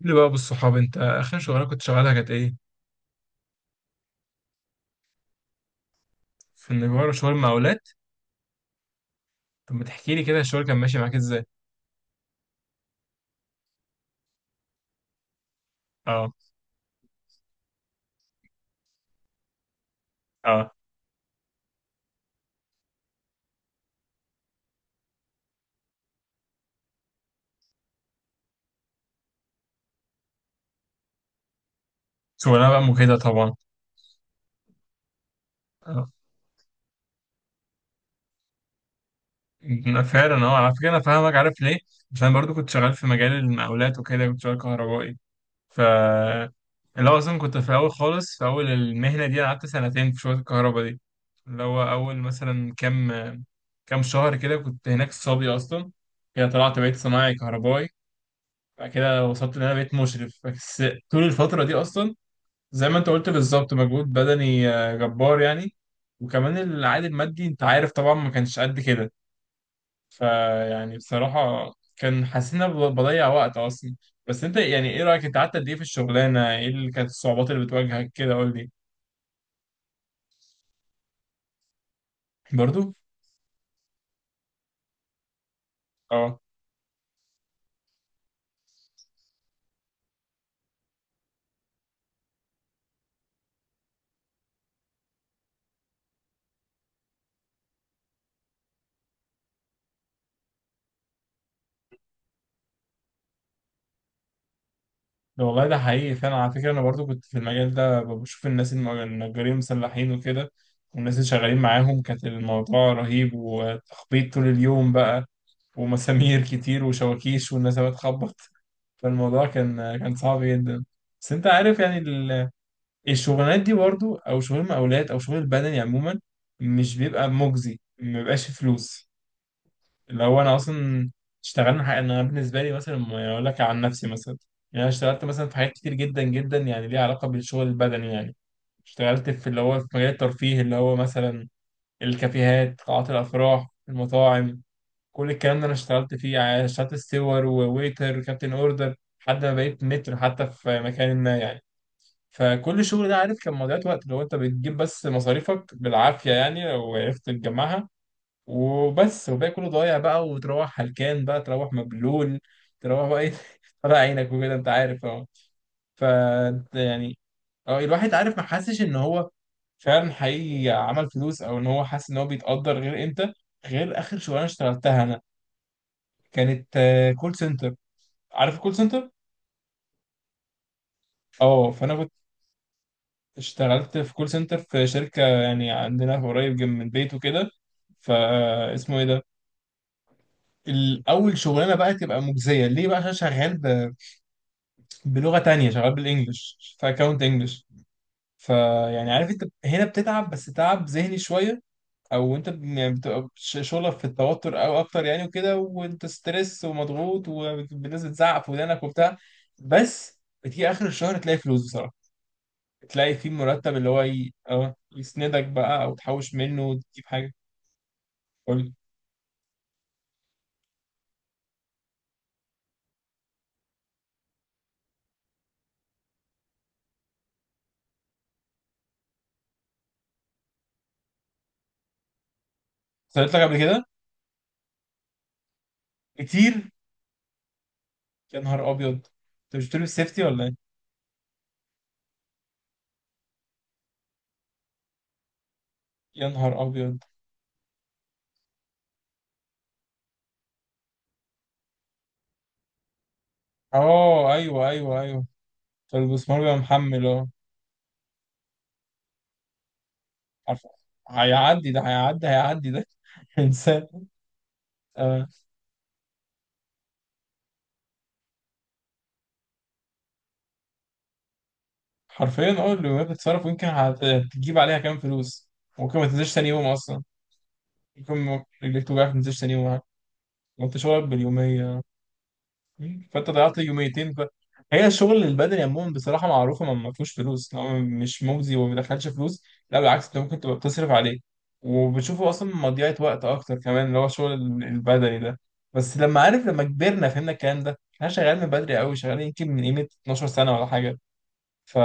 قول لي بقى بالصحاب، انت اخر شغلانه كنت شغالها كانت ايه؟ في النجارة شغل مقاولات. طب ما تحكي لي كده الشغل كان ماشي معاك ازاي؟ اه. اه، شغلانه بقى مجهده طبعا. اه، انا فعلا اه على فكره انا فاهمك، عارف ليه؟ عشان انا برضو كنت شغال في مجال المقاولات وكده، كنت شغال كهربائي. ف اللي هو اصلا كنت في الاول خالص، في اول المهنه دي انا قعدت سنتين في شغل الكهرباء دي، اللي هو اول مثلا كام، كام شهر كده كنت هناك صبي اصلا، كده طلعت بقيت صنايعي كهربائي، بعد كده وصلت ان انا بقيت مشرف بس. طول الفتره دي اصلا زي ما انت قلت بالظبط مجهود بدني جبار يعني. وكمان العائد المادي انت عارف طبعا ما كانش قد كده. فيعني بصراحه كان حاسس ان انا بضيع وقت اصلا. بس انت يعني ايه رايك، انت قعدت قد ايه في الشغلانه، ايه اللي كانت الصعوبات اللي بتواجهك كده؟ قول لي. برضو. اه. ده والله ده حقيقي فعلا، على فكرة أنا برضو كنت في المجال ده بشوف الناس النجارين المسلحين وكده، والناس اللي شغالين معاهم، كانت الموضوع رهيب وتخبيط طول اليوم بقى، ومسامير كتير وشواكيش والناس بتخبط. فالموضوع كان صعب جدا. بس أنت عارف يعني الشغلانات دي برضو، أو شغل المقاولات أو شغل البدني عموما، مش بيبقى مجزي، ما بيبقاش فلوس. اللي هو انا اصلا اشتغلنا حاجة، انا بالنسبه لي مثلا ما اقول لك عن نفسي مثلا، يعني انا اشتغلت مثلا في حاجات كتير جدا جدا يعني، ليها علاقه بالشغل البدني يعني. اشتغلت في اللي هو في مجال الترفيه، اللي هو مثلا الكافيهات، قاعات الافراح، المطاعم، كل الكلام ده انا اشتغلت فيه. يعني اشتغلت ستيور وويتر وكابتن اوردر، لحد ما بقيت متر حتى في مكان ما يعني. فكل الشغل ده عارف كان مضيعة وقت، لو انت بتجيب بس مصاريفك بالعافيه يعني، لو عرفت تجمعها وبس، وباقي كله ضايع بقى، وتروح هلكان بقى، تروح مبلول، تروح بقى ايه طلع عينك وكده، انت عارف. اه. ف يعني اه، الواحد عارف ما حسش ان هو فعلا حقيقي عمل فلوس، او ان هو حاسس ان هو بيتقدر، غير امتى؟ غير اخر شغلانه اشتغلتها انا، كانت كول سنتر. عارف الكول سنتر؟ اه. فانا كنت اشتغلت في كول سنتر في شركه يعني عندنا قريب جنب من البيت وكده، فاسمه ايه ده؟ الاول شغلانه بقى تبقى مجزيه ليه بقى؟ عشان شغال بلغة تانية، شغال بالانجلش في اكونت انجلش. فيعني عارف، انت هنا بتتعب بس تعب ذهني شوية، او انت يعني بتبقى شغلك في التوتر او اكتر يعني، وكده وانت ستريس ومضغوط والناس بتزعق في ودانك وبتاع. بس بتيجي اخر الشهر تلاقي فلوس بصراحة، تلاقي في مرتب اللي هو اه يسندك بقى، او تحوش منه وتجيب حاجة. قول لي. حصلت لك قبل كده؟ كتير. يا نهار ابيض، انت مش بتلبس سيفتي ولا ايه؟ يا نهار ابيض. اه، ايوه ايوه ايوه. فالمسمار بيبقى محمل، اه. عارفه، هيعدي ده، هيعدي، هيعدي ده انسان. آه. حرفيا، اه اللي بتتصرف يمكن هتجيب عليها كام فلوس، ممكن ما تنزلش تاني يوم اصلا. ممكن رجليك توجعك ما تنزلش تاني يوم. وانت شغلك باليومية. فانت ضيعت يوميتين هي الشغل البدني عموما بصراحه معروفه ما فيهوش فلوس، إن هو مش مجزي وما بيدخلش فلوس، لا بالعكس انت ممكن تبقى بتصرف عليه، وبتشوفه اصلا مضيعه وقت اكتر كمان، اللي هو الشغل البدني ده. بس لما عارف، لما كبرنا فهمنا الكلام ده، احنا شغالين من بدري قوي، شغالين يمكن من قيمه 12 سنه ولا حاجه. ف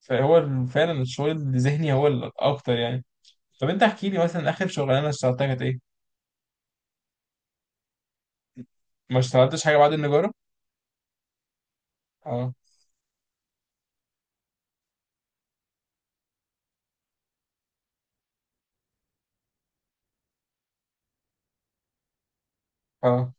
فهو فعلا الشغل الذهني هو الاكتر يعني. طب انت احكي لي مثلا، اخر شغلانه اشتغلتها كانت ايه؟ ما اشتغلتش حاجه بعد النجاره. اه. اه.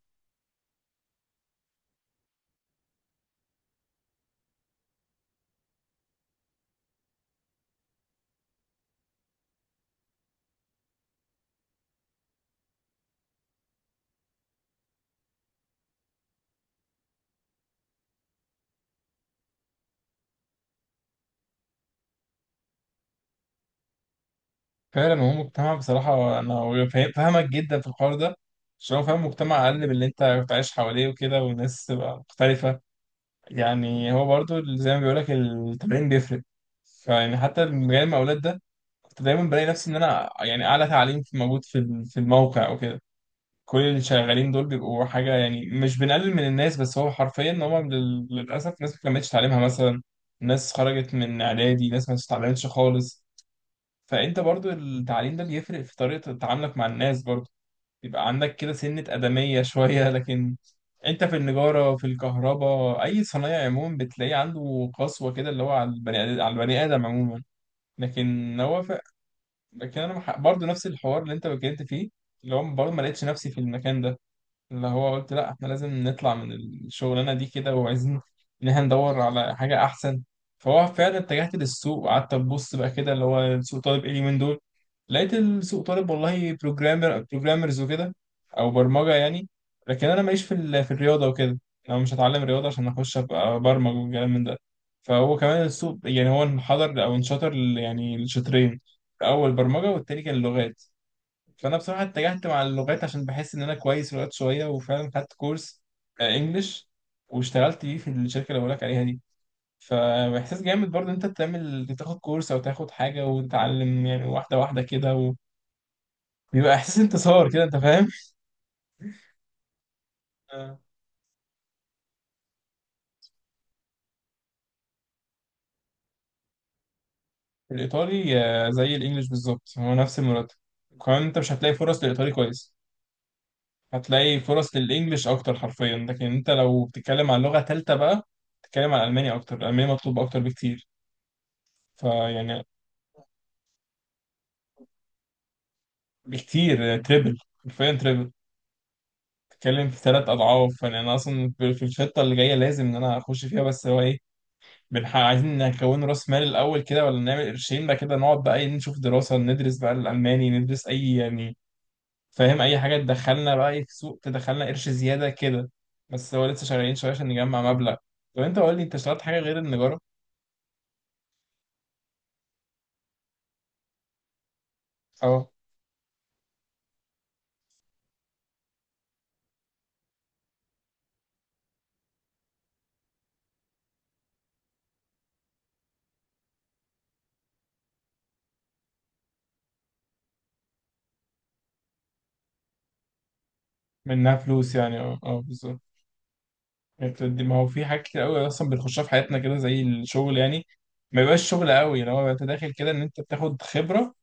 فعلا هو مجتمع، بصراحة أنا فاهمك جدا في الحوار ده. عشان هو فاهم، مجتمع أقل من اللي أنت بتعيش حواليه وكده، والناس تبقى مختلفة. يعني هو برضو زي ما بيقولك، التمرين بيفرق. فيعني حتى من مجال المقاولات ده، كنت دايما بلاقي نفسي إن أنا يعني أعلى تعليم في موجود في في الموقع وكده. كل اللي شغالين دول بيبقوا حاجة يعني، مش بنقلل من الناس، بس هو حرفيا إن هما للأسف ناس ما كملتش تعليمها مثلا، ناس خرجت من إعدادي، ناس ما اتعلمتش خالص. فانت برضو التعليم ده بيفرق في طريقة تعاملك مع الناس برضو، يبقى عندك كده سنة أدمية شوية. لكن انت في النجارة، في الكهرباء، أي صنايع عموما بتلاقيه عنده قسوة كده، اللي هو على البني آدم، على البني آدم عموما. لكن هو لكن أنا برضو نفس الحوار اللي انت اتكلمت فيه، اللي هو برضو ما لقيتش نفسي في المكان ده، اللي هو قلت لا احنا لازم نطلع من الشغلانه دي كده، وعايزين ان احنا ندور على حاجه احسن. فهو فعلا اتجهت للسوق، وقعدت ابص بقى كده اللي هو سوق طالب ايه اليومين دول. لقيت السوق طالب والله بروجرامر، بروجرامرز وكده، او برمجه يعني. لكن انا ماليش في في الرياضه وكده، انا مش هتعلم رياضه عشان اخش ابقى برمج والكلام من ده. فهو كمان السوق يعني هو انحدر او انشطر يعني لشطرين، الاول برمجه، والتاني كان لغات. فانا بصراحه اتجهت مع اللغات عشان بحس ان انا كويس في اللغات شويه، وفعلا خدت كورس انجليش، واشتغلت بيه في الشركه اللي بقولك عليها دي. فاحساس جامد برضه إن انت تعمل تاخد كورس او تاخد حاجه وتتعلم يعني، واحده واحده كده، وبيبقى احساس انتصار كده، انت فاهم. آه. الايطالي زي الانجليش بالظبط، هو نفس المرتب، وكمان انت مش هتلاقي فرص للايطالي كويس. هتلاقي فرص للانجليش اكتر حرفيا، لكن انت لو بتتكلم عن لغه ثالثه بقى، بتتكلم عن الماني، اكتر الالماني مطلوب اكتر بكتير. فيعني بكتير، تريبل، حرفيا تريبل. بتتكلم في ثلاث اضعاف يعني. انا اصلا في الخطه اللي جايه لازم ان انا اخش فيها، بس هو ايه، عايزين نكون راس مال الاول كده، ولا نعمل قرشين بقى كده، نقعد بقى إيه نشوف دراسه، ندرس بقى الالماني، ندرس اي يعني فاهم، اي حاجه تدخلنا بقى إيه في سوق، تدخلنا قرش زياده كده. بس هو لسه شغالين شويه عشان نجمع مبلغ. طب انت قول لي، انت اشتغلت حاجه غير النجاره؟ اه. منها فلوس يعني، اه اه بالظبط. انت ما هو في حاجات كتير قوي اصلا بنخشها في حياتنا كده زي الشغل يعني، ما يبقاش شغل قوي لو هو انت داخل كده ان انت بتاخد خبره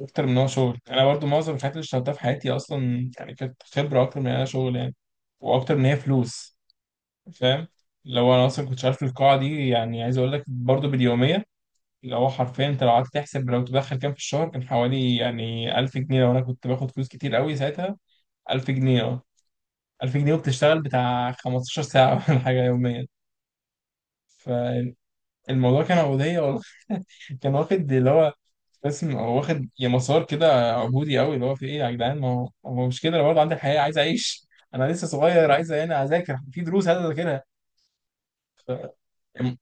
اكتر من هو شغل. انا برضو معظم الحاجات اللي اشتغلتها في حياتي اصلا يعني كانت خبره اكتر من انها شغل يعني، واكتر من هي فلوس. فاهم. لو انا اصلا كنت شغال في القاعه دي يعني، عايز اقول لك برضو باليوميه، اللي هو حرفيا انت لو قعدت تحسب لو تدخل كام في الشهر، كان حوالي يعني 1000 جنيه لو انا كنت باخد فلوس كتير قوي ساعتها. 1000 جنيه، اه. 1000 جنيه وبتشتغل بتاع 15 ساعه ولا حاجه يوميا. الموضوع كان عبودية والله كان واخد اللي هو اسم، هو واخد يا مسار كده عبودي قوي، اللي هو في ايه يا جدعان؟ ما هو مش كده، انا برضه عندي حياة عايز اعيش، انا لسه صغير، عايز انا اذاكر في دروس عايز اذاكرها. أم-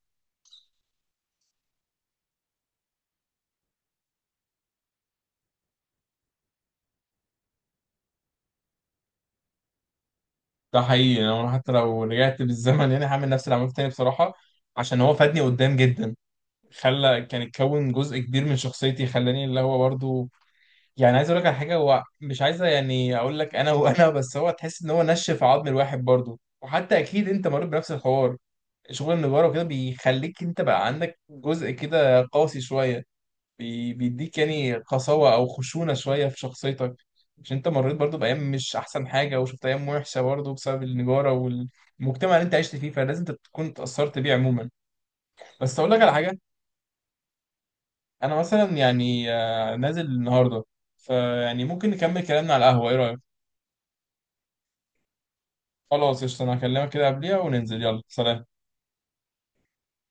ده حقيقي يعني، انا حتى لو رجعت بالزمن يعني هعمل نفس اللي عملته تاني بصراحة، عشان هو فادني قدام جدا، خلى كان اتكون جزء كبير من شخصيتي، خلاني اللي هو برضه يعني عايز اقول لك على حاجة، هو مش عايز يعني اقول لك انا وانا، بس هو تحس ان هو نشف عظم الواحد برضه. وحتى اكيد انت مريت بنفس الحوار، شغل النجارة وكده بيخليك انت بقى عندك جزء كده قاسي شوية، بيديك يعني قساوة او خشونة شوية في شخصيتك، عشان انت مريت برضو بأيام مش احسن حاجة، وشفت ايام وحشة برضو بسبب النجارة والمجتمع اللي انت عشت فيه، فلازم انت تكون اتأثرت بيه عموما. بس اقول لك على حاجة، انا مثلا يعني نازل النهاردة، فيعني ممكن نكمل كلامنا على القهوة، ايه رأيك؟ خلاص قشطة، انا هكلمك كده قبليها وننزل، يلا سلام.